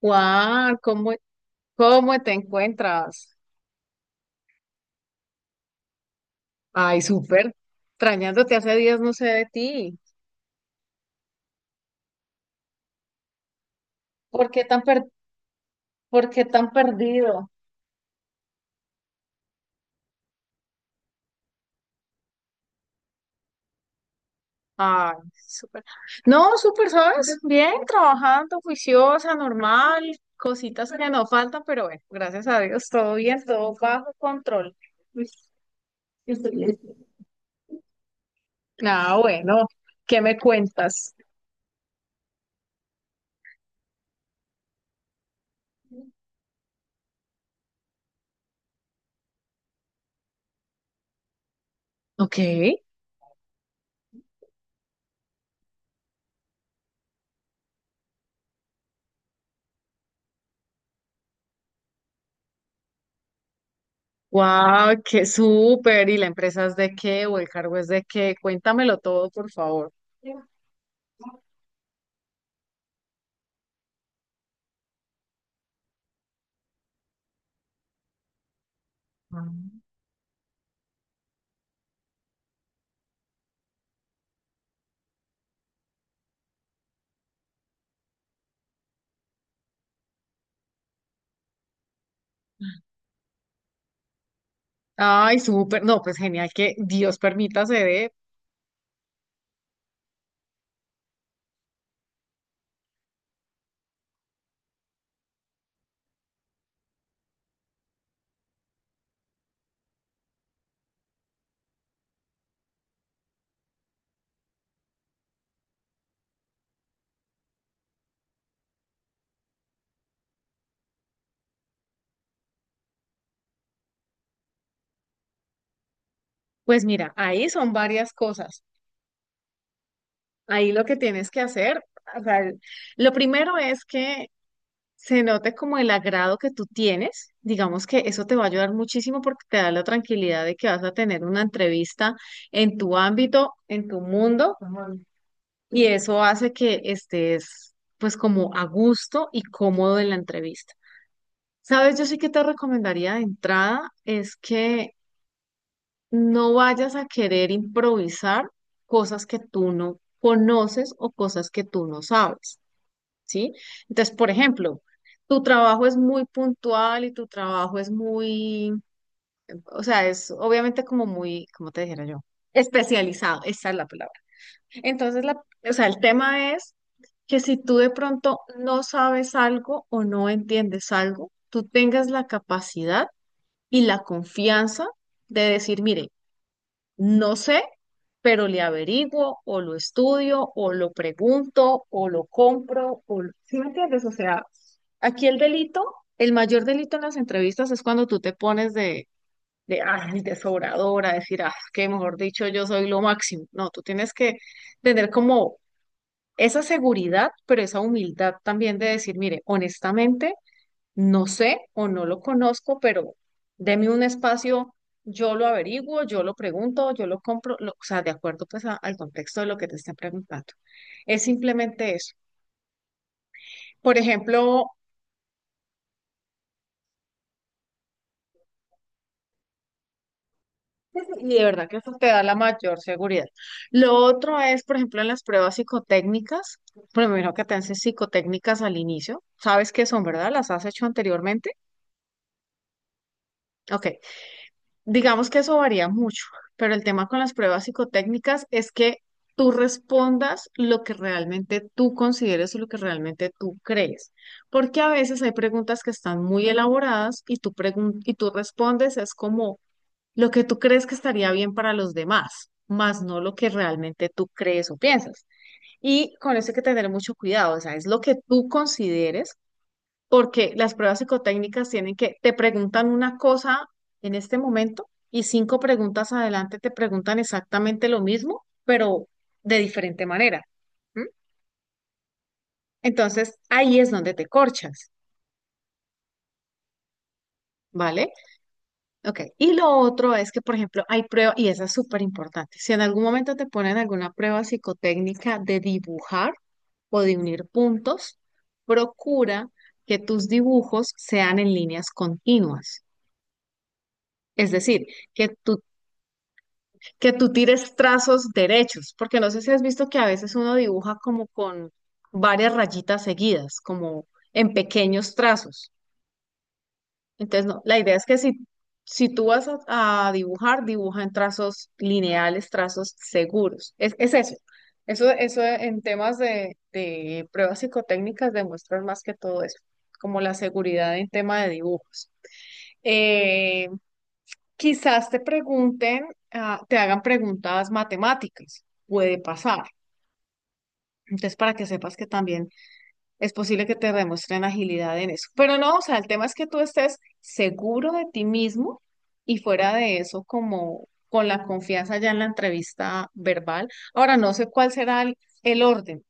Guau, ¿cómo, cómo te encuentras? Ay, súper. Extrañándote hace días, no sé de ti. ¿Por qué tan per- por qué tan perdido? Ay, súper. No, súper, ¿sabes? Bien, trabajando, juiciosa, normal, cositas que no faltan, pero bueno, gracias a Dios, todo bien, todo bajo control. Ah, bueno, ¿qué me cuentas? Ok. Wow, qué súper. ¿Y la empresa es de qué o el cargo es de qué? Cuéntamelo todo, por favor. Ah. Ay, súper. No, pues genial que Dios permita se dé. Pues mira, ahí son varias cosas. Ahí lo que tienes que hacer, o sea, lo primero es que se note como el agrado que tú tienes. Digamos que eso te va a ayudar muchísimo porque te da la tranquilidad de que vas a tener una entrevista en tu ámbito, en tu mundo. Y eso hace que estés pues como a gusto y cómodo en la entrevista. Sabes, yo sí que te recomendaría de entrada es que no vayas a querer improvisar cosas que tú no conoces o cosas que tú no sabes, ¿sí? Entonces, por ejemplo, tu trabajo es muy puntual y tu trabajo es muy, o sea, es obviamente como muy, ¿cómo te dijera yo? Especializado, esa es la palabra. Entonces, la, o sea, el tema es que si tú de pronto no sabes algo o no entiendes algo, tú tengas la capacidad y la confianza de decir, mire, no sé, pero le averiguo o lo estudio o lo pregunto o lo compro o lo... ¿Sí me entiendes? O sea, aquí el delito, el mayor delito en las entrevistas es cuando tú te pones de, ay, de sobradora, decir, ah, que mejor dicho, yo soy lo máximo. No, tú tienes que tener como esa seguridad, pero esa humildad también de decir, mire, honestamente, no sé o no lo conozco, pero deme un espacio, yo lo averiguo, yo lo pregunto, yo lo compro, o sea, de acuerdo pues al contexto de lo que te están preguntando. Es simplemente eso. Por ejemplo, y de verdad que eso te da la mayor seguridad. Lo otro es, por ejemplo, en las pruebas psicotécnicas, primero que te hacen psicotécnicas al inicio, ¿sabes qué son, verdad? ¿Las has hecho anteriormente? Ok. Digamos que eso varía mucho, pero el tema con las pruebas psicotécnicas es que tú respondas lo que realmente tú consideres o lo que realmente tú crees, porque a veces hay preguntas que están muy elaboradas y tú, y tú respondes es como lo que tú crees que estaría bien para los demás, más no lo que realmente tú crees o piensas. Y con eso hay que tener mucho cuidado, o sea, es lo que tú consideres porque las pruebas psicotécnicas tienen que, te preguntan una cosa en este momento y cinco preguntas adelante te preguntan exactamente lo mismo, pero de diferente manera. ¿M? Entonces, ahí es donde te corchas, ¿vale? Ok. Y lo otro es que, por ejemplo, hay pruebas, y esa es súper importante, si en algún momento te ponen alguna prueba psicotécnica de dibujar o de unir puntos, procura que tus dibujos sean en líneas continuas. Es decir, que tú que tú tires trazos derechos, porque no sé si has visto que a veces uno dibuja como con varias rayitas seguidas, como en pequeños trazos. Entonces, no, la idea es que si, si tú vas a dibujar, dibuja en trazos lineales, trazos seguros. Es eso. Eso en temas de pruebas psicotécnicas demuestran más que todo eso, como la seguridad en tema de dibujos. Eh, Quizás te pregunten, ah, te hagan preguntas matemáticas, puede pasar. Entonces, para que sepas que también es posible que te demuestren agilidad en eso. Pero no, o sea, el tema es que tú estés seguro de ti mismo y fuera de eso, como con la confianza ya en la entrevista verbal. Ahora, no sé cuál será el orden,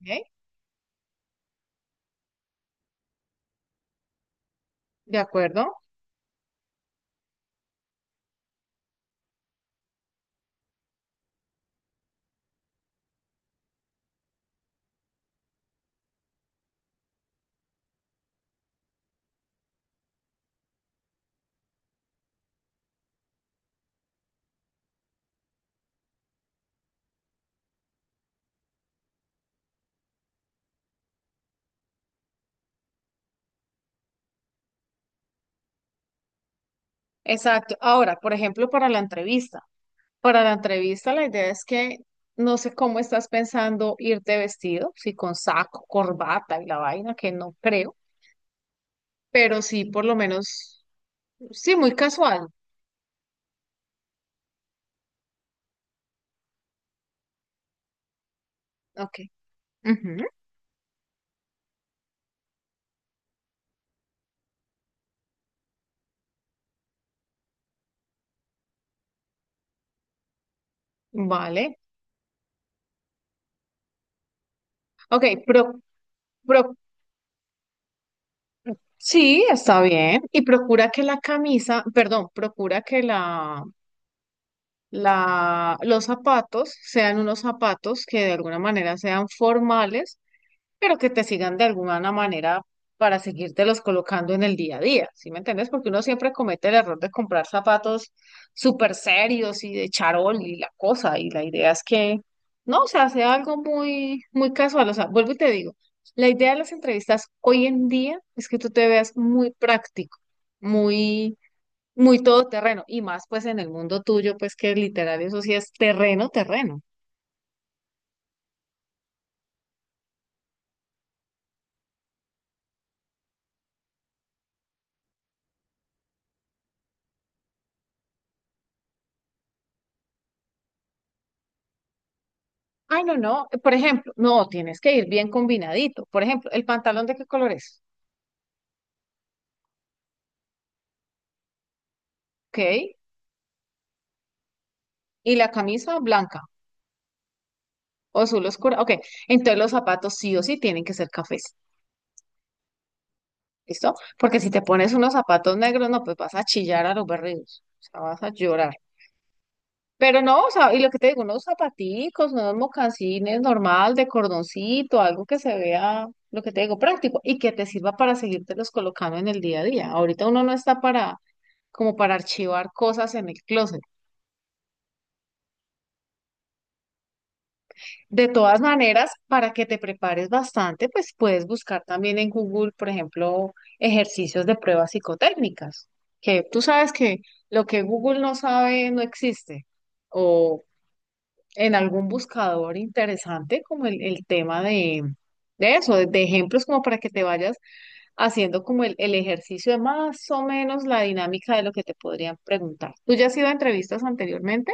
¿ok? ¿De acuerdo? Exacto. Ahora, por ejemplo, para la entrevista. Para la entrevista, la idea es que no sé cómo estás pensando irte vestido, si con saco, corbata y la vaina, que no creo, pero sí por lo menos, sí, muy casual. Ok. Ujú. Vale. Ok, pro, sí, está bien. Y procura que la camisa, perdón, procura que los zapatos sean unos zapatos que de alguna manera sean formales pero que te sigan de alguna manera para seguírtelos colocando en el día a día, ¿sí me entiendes? Porque uno siempre comete el error de comprar zapatos súper serios y de charol y la cosa, y la idea es que, no, o sea, sea algo muy, muy casual, o sea, vuelvo y te digo, la idea de las entrevistas hoy en día es que tú te veas muy práctico, muy, muy todoterreno, y más pues en el mundo tuyo, pues que literal eso sí es terreno, terreno. Ay, no, no. Por ejemplo, no, tienes que ir bien combinadito. Por ejemplo, ¿el pantalón de qué color es? ¿Ok? ¿Y la camisa blanca o azul oscura? Ok. Entonces los zapatos sí o sí tienen que ser cafés. ¿Listo? Porque si te pones unos zapatos negros, no, pues vas a chillar a los berridos. O sea, vas a llorar. Pero no, o sea, y lo que te digo, unos zapaticos, unos mocasines normal, de cordoncito, algo que se vea, lo que te digo, práctico y que te sirva para seguirte los colocando en el día a día. Ahorita uno no está para como para archivar cosas en el closet. De todas maneras, para que te prepares bastante, pues puedes buscar también en Google, por ejemplo, ejercicios de pruebas psicotécnicas, que tú sabes que lo que Google no sabe no existe. O en algún buscador interesante, como el tema de eso, de ejemplos como para que te vayas haciendo como el ejercicio de más o menos la dinámica de lo que te podrían preguntar. ¿Tú ya has ido a entrevistas anteriormente?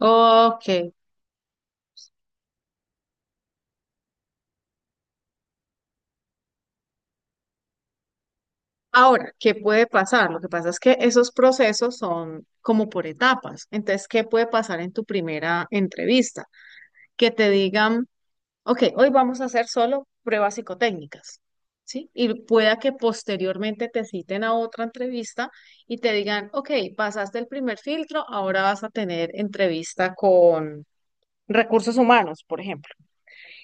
Ok. Ahora, ¿qué puede pasar? Lo que pasa es que esos procesos son como por etapas. Entonces, ¿qué puede pasar en tu primera entrevista? Que te digan, ok, hoy vamos a hacer solo pruebas psicotécnicas, ¿sí? Y pueda que posteriormente te citen a otra entrevista y te digan, ok, pasaste el primer filtro, ahora vas a tener entrevista con recursos humanos, por ejemplo.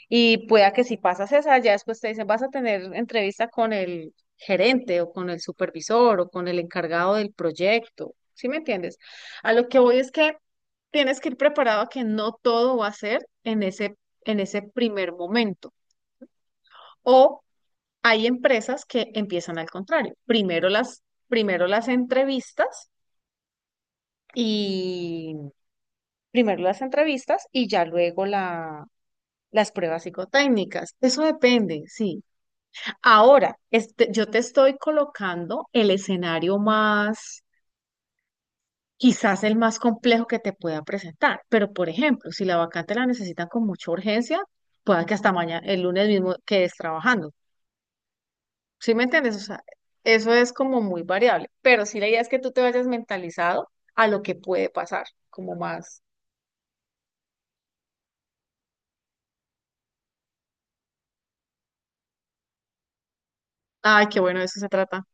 Y pueda que si pasas esa, ya después te dicen, vas a tener entrevista con el gerente o con el supervisor o con el encargado del proyecto. ¿Sí me entiendes? A lo que voy es que tienes que ir preparado a que no todo va a ser en ese primer momento. O hay empresas que empiezan al contrario. Primero las entrevistas y ya luego las pruebas psicotécnicas. Eso depende, sí. Ahora, este, yo te estoy colocando el escenario más, quizás el más complejo que te pueda presentar, pero por ejemplo, si la vacante la necesitan con mucha urgencia, pueda que hasta mañana, el lunes mismo, quedes trabajando. ¿Sí me entiendes? O sea, eso es como muy variable, pero sí la idea es que tú te vayas mentalizado a lo que puede pasar, como más, ay, qué bueno, de eso se trata.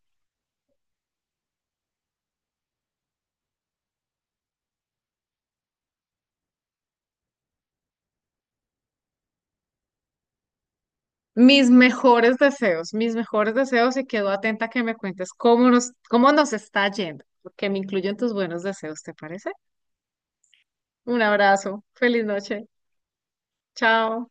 Mis mejores deseos y quedo atenta a que me cuentes cómo cómo nos está yendo, porque me incluyen tus buenos deseos, ¿te parece? Un abrazo, feliz noche, chao.